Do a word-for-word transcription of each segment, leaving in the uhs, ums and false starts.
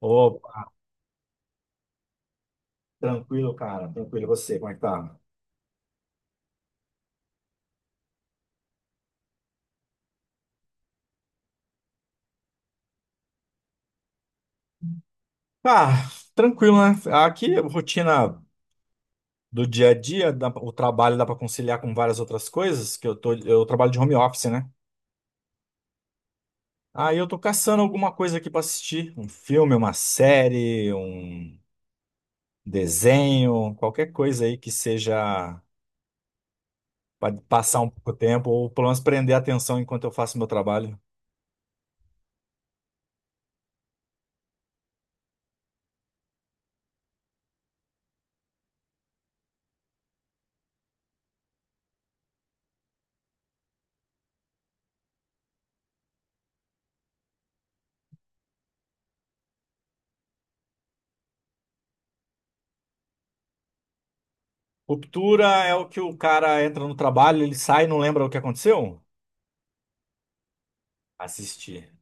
Opa, tranquilo, cara. Tranquilo. E você, como é que tá? Ah, tranquilo, né? Aqui, rotina do dia a dia, dá pra- o trabalho dá para conciliar com várias outras coisas, que eu tô, eu trabalho de home office, né? Aí eu tô caçando alguma coisa aqui para assistir, um filme, uma série, um desenho, qualquer coisa aí que seja para passar um pouco de tempo ou pelo menos prender a atenção enquanto eu faço meu trabalho. Ruptura é o que o cara entra no trabalho, ele sai e não lembra o que aconteceu? Assistir.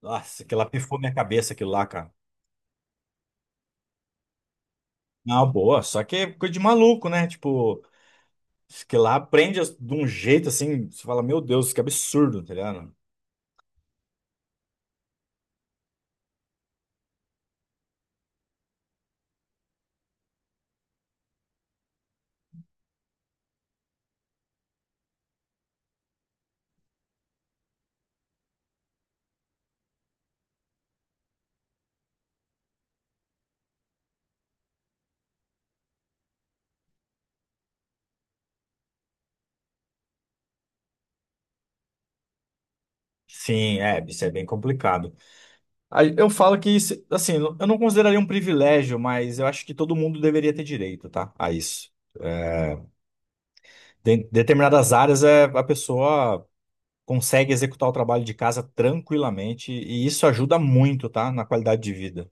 Nossa, aquilo lá pifou minha cabeça, aquilo lá, cara. Não, boa, só que é coisa de maluco, né? Tipo, isso que lá aprende as- de um jeito assim, você fala, meu Deus, que absurdo, tá ligado? Sim, é, isso é bem complicado. Aí eu falo que, isso, assim, eu não consideraria um privilégio, mas eu acho que todo mundo deveria ter direito, tá? A isso. Em determinadas áreas, é, a pessoa consegue executar o trabalho de casa tranquilamente, e isso ajuda muito, tá? Na qualidade de vida.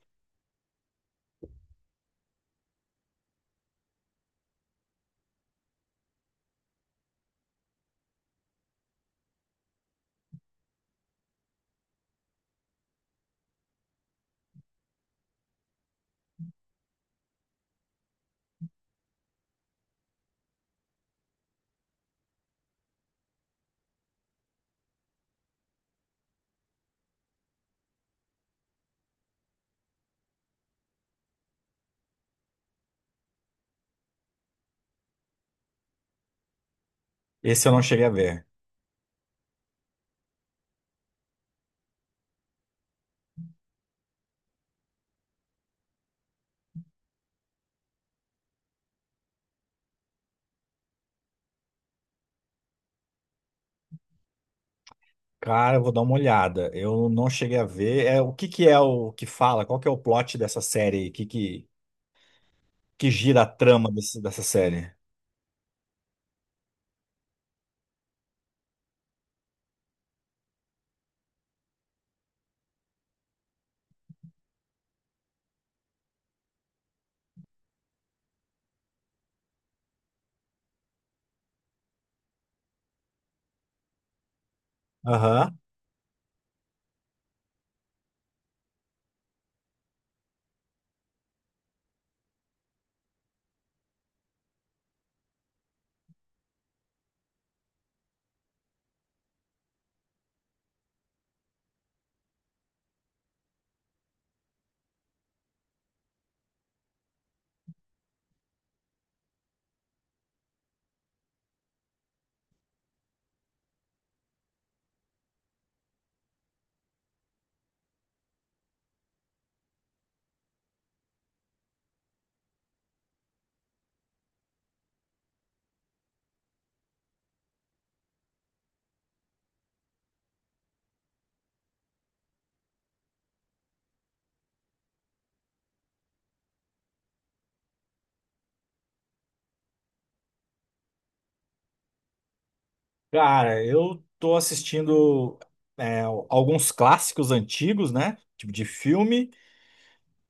Esse eu não cheguei a ver. Cara, eu vou dar uma olhada. Eu não cheguei a ver. É, o que que é o que fala? Qual que é o plot dessa série? O que que, que gira a trama desse- dessa série? Aham. Cara, eu tô assistindo é, alguns clássicos antigos, né? Tipo de filme.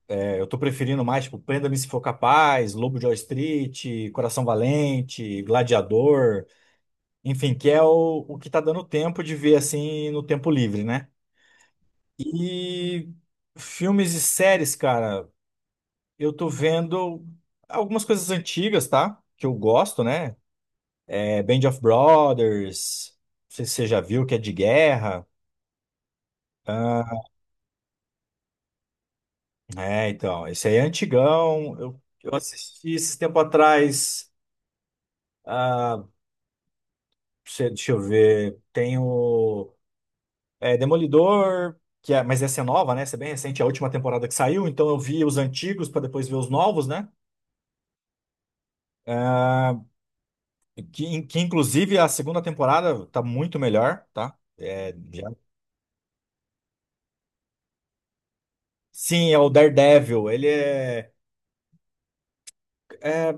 É, eu tô preferindo mais, tipo, Prenda-me Se For Capaz, Lobo de Wall Street, Coração Valente, Gladiador. Enfim, que é o, o que tá dando tempo de ver, assim, no tempo livre, né? E filmes e séries, cara. Eu tô vendo algumas coisas antigas, tá? Que eu gosto, né? É Band of Brothers, não sei se você já viu, que é de guerra. Ah, é, então, esse aí é antigão. Eu, eu assisti esse tempo atrás. Ah, deixa deixa eu ver. Tem o é, Demolidor, que é, mas essa é nova, né? Essa é bem recente, é a última temporada que saiu. Então eu vi os antigos para depois ver os novos, né? Ah, que, que inclusive a segunda temporada tá muito melhor, tá? Sim, é o Daredevil. Ele é,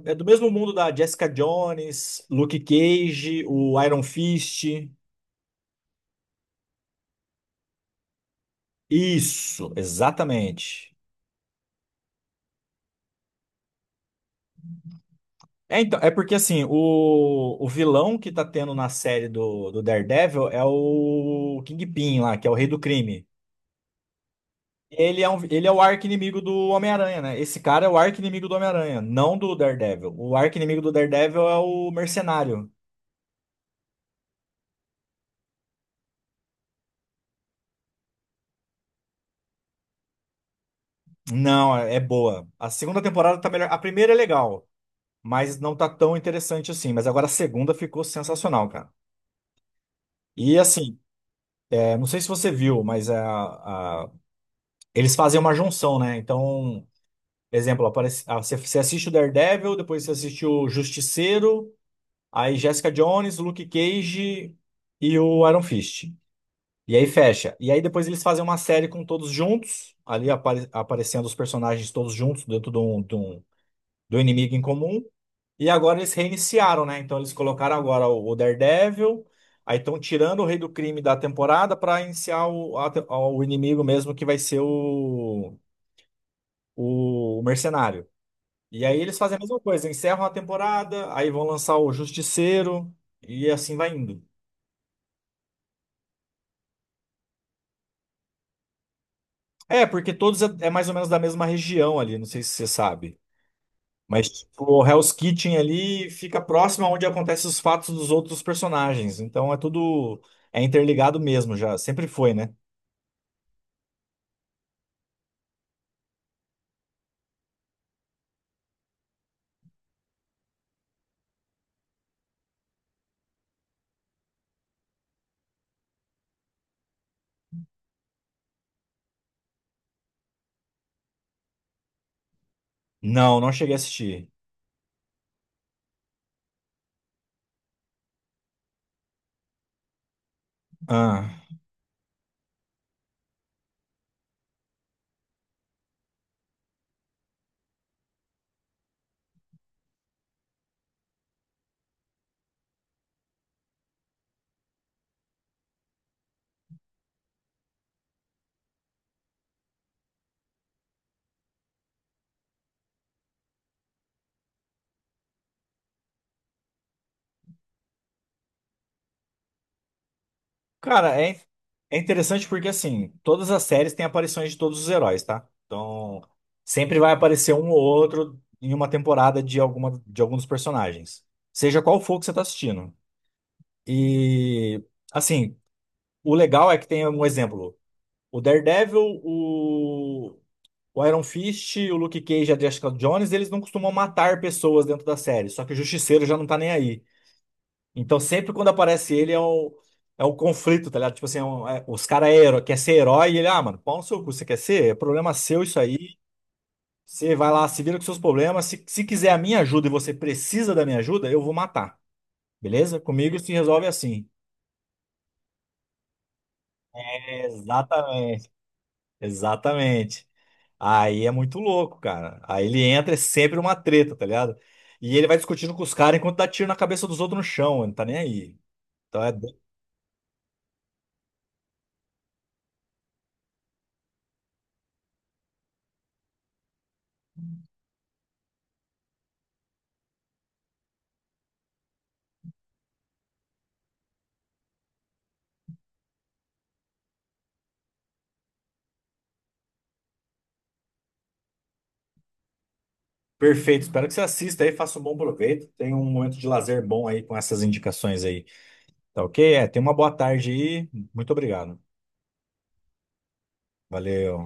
é do mesmo mundo da Jessica Jones, Luke Cage, o Iron Fist. Isso, exatamente. É, então, é porque assim, o, o vilão que tá tendo na série do, do Daredevil é o Kingpin lá, que é o rei do crime. Ele é, um, ele é o arqui-inimigo do Homem-Aranha, né? Esse cara é o arqui-inimigo do Homem-Aranha, não do Daredevil. O arqui-inimigo do Daredevil é o Mercenário. Não, é é boa. A segunda temporada tá melhor. A primeira é legal, mas não tá tão interessante assim. Mas agora a segunda ficou sensacional, cara. E assim, é, não sei se você viu, mas é, a- eles fazem uma junção, né? Então, exemplo, aparece, ah, você, você assiste o Daredevil, depois você assiste o Justiceiro, aí Jessica Jones, Luke Cage e o Iron Fist. E aí fecha. E aí depois eles fazem uma série com todos juntos, ali apare- aparecendo os personagens todos juntos dentro de um, de um- do inimigo em comum. E agora eles reiniciaram, né? Então eles colocaram agora o o Daredevil, aí estão tirando o Rei do Crime da temporada para iniciar o, a te- o inimigo mesmo, que vai ser o, o, o Mercenário. E aí eles fazem a mesma coisa, encerram a temporada, aí vão lançar o Justiceiro, e assim vai indo. É, porque todos é, é mais ou menos da mesma região ali, não sei se você sabe. Mas tipo, o Hell's Kitchen ali fica próximo aonde acontecem os fatos dos outros personagens. Então é tudo. É interligado mesmo já, sempre foi, né? Não, não cheguei a assistir. Ah. Cara, é, é interessante porque, assim, todas as séries têm aparições de todos os heróis, tá? Então, sempre vai aparecer um ou outro em uma temporada de alguma, de algum dos personagens. Seja qual for que você tá assistindo. E, assim, o legal é que tem um exemplo. O Daredevil, o, o Iron Fist, o Luke Cage e a Jessica Jones, eles não costumam matar pessoas dentro da série. Só que o Justiceiro já não tá nem aí. Então, sempre quando aparece ele, é um, é um conflito, tá ligado? Tipo assim, é um- é- os caras é hero- quer ser herói e ele, ah, mano, pau no seu cu, você quer ser? É problema seu isso aí. Você vai lá, se vira com seus problemas. Se, se quiser a minha ajuda e você precisa da minha ajuda, eu vou matar. Beleza? Comigo se resolve assim. Exatamente, exatamente. Aí é muito louco, cara. Aí ele entra, é sempre uma treta, tá ligado? E ele vai discutindo com os caras enquanto dá tiro na cabeça dos outros no chão, ele não tá nem aí. Então é. Perfeito, espero que você assista aí, faça um bom proveito. Tenha um momento de lazer bom aí com essas indicações aí. Tá ok? É, tenha uma boa tarde aí. Muito obrigado. Valeu.